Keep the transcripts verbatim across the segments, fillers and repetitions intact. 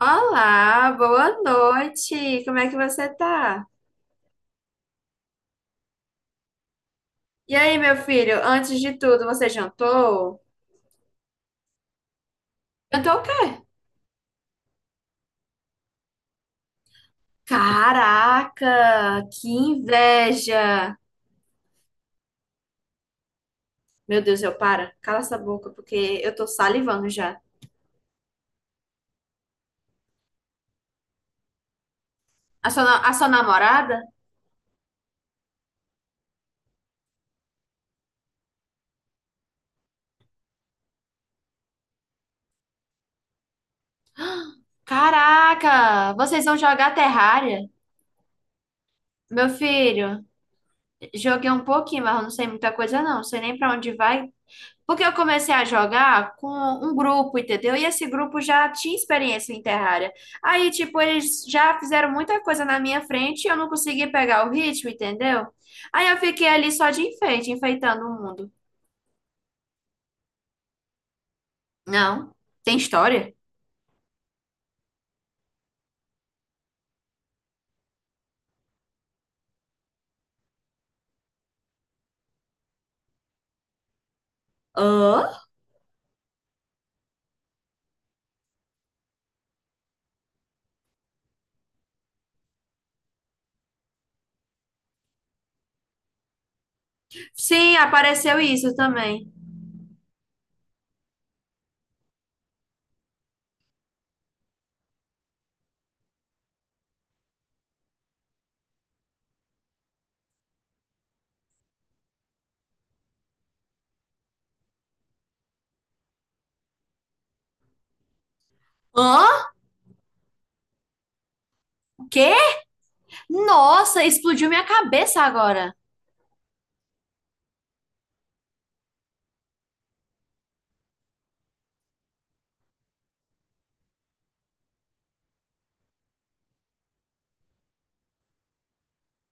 Olá, boa noite. Como é que você tá? E aí, meu filho, antes de tudo, você jantou? Jantou o quê? Caraca, que inveja! Meu Deus, eu para. Cala essa boca, porque eu tô salivando já. A sua, na- a sua namorada? Caraca, vocês vão jogar Terraria? Meu filho, joguei um pouquinho, mas eu não sei muita coisa não. Não sei nem pra onde vai, porque eu comecei a jogar com um grupo, entendeu? E esse grupo já tinha experiência em Terraria. Aí, tipo, eles já fizeram muita coisa na minha frente e eu não consegui pegar o ritmo, entendeu? Aí eu fiquei ali só de enfeite, enfeitando o mundo. Não, tem história? Hã? Sim, apareceu isso também. Hã? O quê? Nossa, explodiu minha cabeça agora.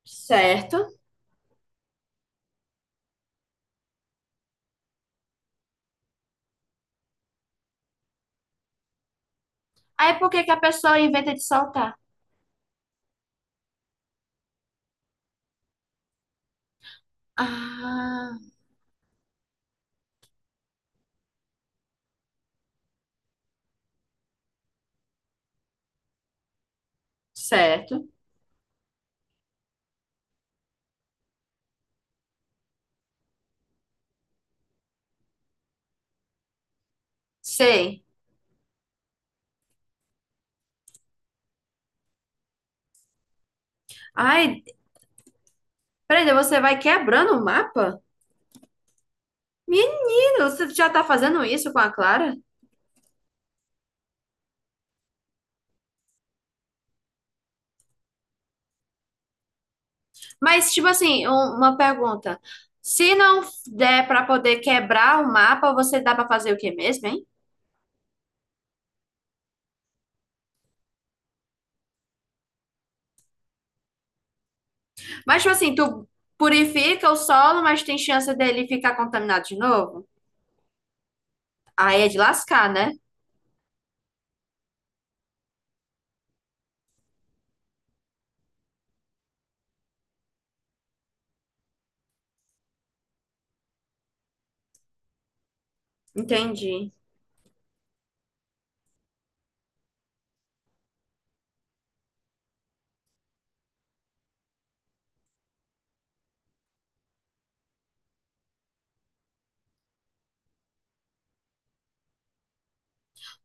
Certo. Aí por que que a pessoa inventa de soltar? Ah, certo. Sei. Ai, peraí, você vai quebrando o mapa? Menino, você já tá fazendo isso com a Clara? Mas, tipo assim, um- uma pergunta. Se não der pra poder quebrar o mapa, você dá pra fazer o que mesmo, hein? Mas, tipo assim, tu purifica o solo, mas tem chance dele ficar contaminado de novo? Aí é de lascar, né? Entendi.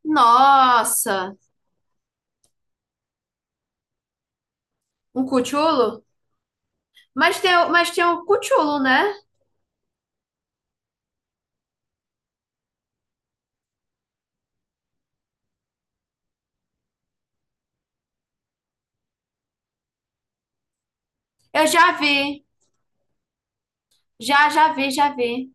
Nossa, um cutulo? Mas tem, o- mas tem um cutulo, né? Eu já vi, já, já vi, já vi.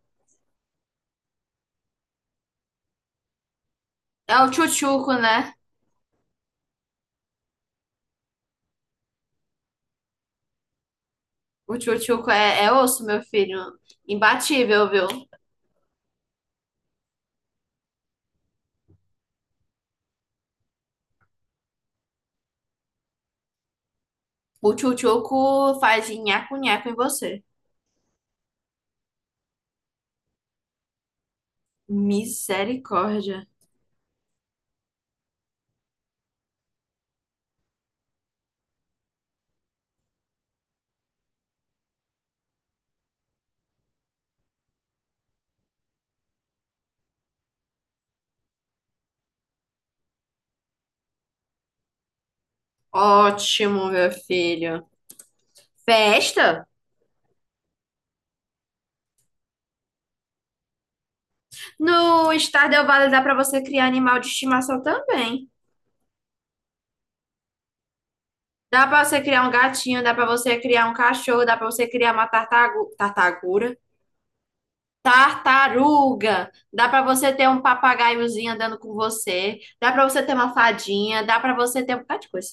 É o tchutchuco, né? O tchutchuco é, é osso, meu filho. Imbatível, viu? O tchutchuco faz nhaco-nhaco em você. Misericórdia. Ótimo, meu filho. Festa? No Stardew Valley dá pra você criar animal de estimação também. Dá pra você criar um gatinho, dá pra você criar um cachorro, dá pra você criar uma tartagu... tartagura. Tartaruga. Dá pra você ter um papagaiozinho andando com você. Dá pra você ter uma fadinha. Dá pra você ter um bocado de coisa.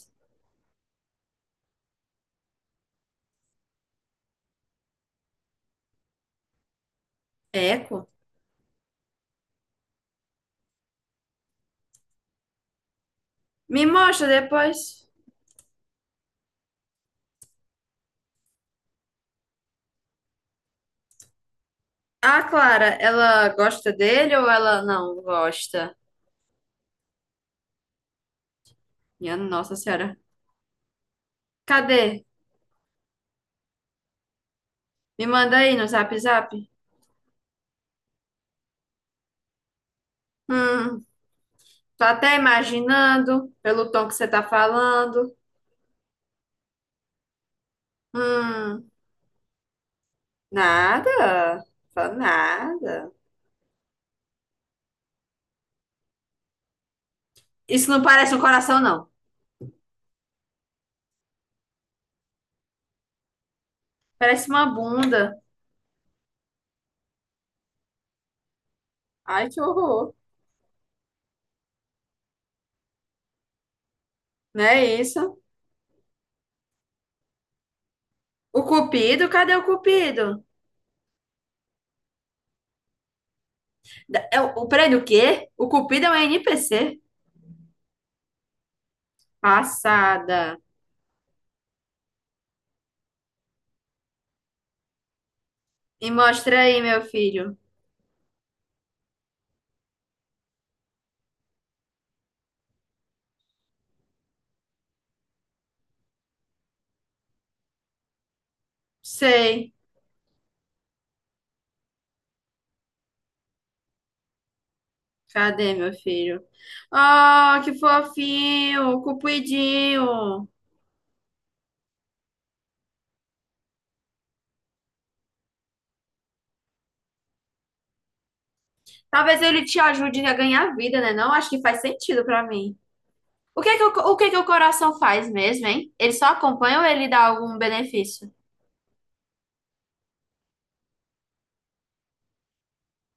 É, me mostra depois. A Clara, ela gosta dele ou ela não gosta? Minha Nossa Senhora. Cadê? Me manda aí no Zap Zap. Hum, tô até imaginando pelo tom que você tá falando. Hum, nada. Fala nada. Isso não parece um coração, não. Parece uma bunda. Ai, que horror. Não é isso? O Cupido? Cadê o Cupido? Da- É o, o, peraí, do quê? O Cupido é um N P C? Passada. E mostra aí, meu filho. Sei. Cadê, meu filho? Oh, que fofinho, cupidinho. Talvez ele te ajude a ganhar vida, né? Não acho que faz sentido pra mim. O que é que o, o que é que o coração faz mesmo, hein? Ele só acompanha ou ele dá algum benefício?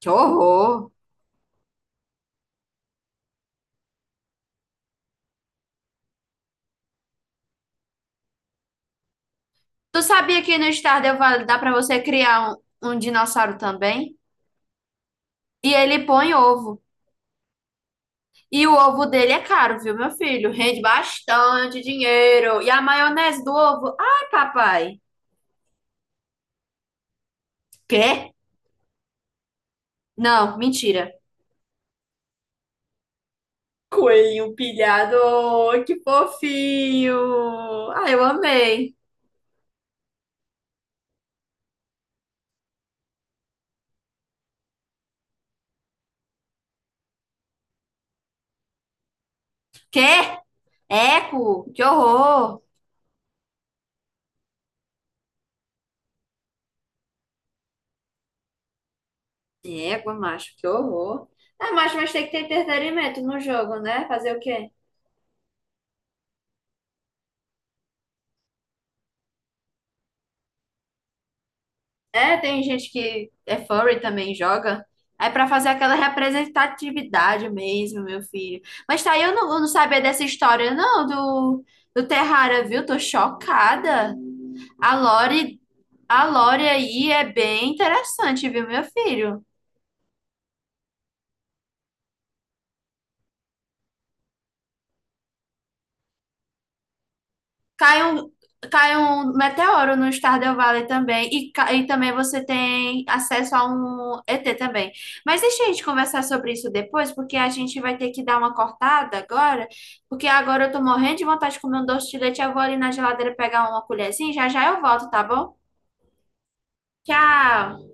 Que horror. Tu sabia que no Stardew Valley dá pra você criar um, um dinossauro também? E ele põe ovo. E o ovo dele é caro, viu, meu filho? Rende bastante dinheiro. E a maionese do ovo? Ai, papai. Quê? Não, mentira. Coelhinho pilhado, oh, que fofinho. Ai, eu amei. Quê? Eco, que horror. Égua, macho, que horror. Ah, macho, mas tem que ter entretenimento no jogo, né? Fazer o quê? É, tem gente que é furry também joga. É pra fazer aquela representatividade mesmo, meu filho. Mas tá aí, eu não, eu não sabia dessa história, não, do, do Terrara, viu? Tô chocada. A Lore, a Lore aí é bem interessante, viu, meu filho? Cai um, cai um meteoro no Stardew Valley também, e, ca- e também você tem acesso a um E T também. Mas deixa a gente conversar sobre isso depois, porque a gente vai ter que dar uma cortada agora, porque agora eu tô morrendo de vontade de comer um doce de leite, eu vou ali na geladeira pegar uma colherzinha, já já eu volto, tá bom? Tchau!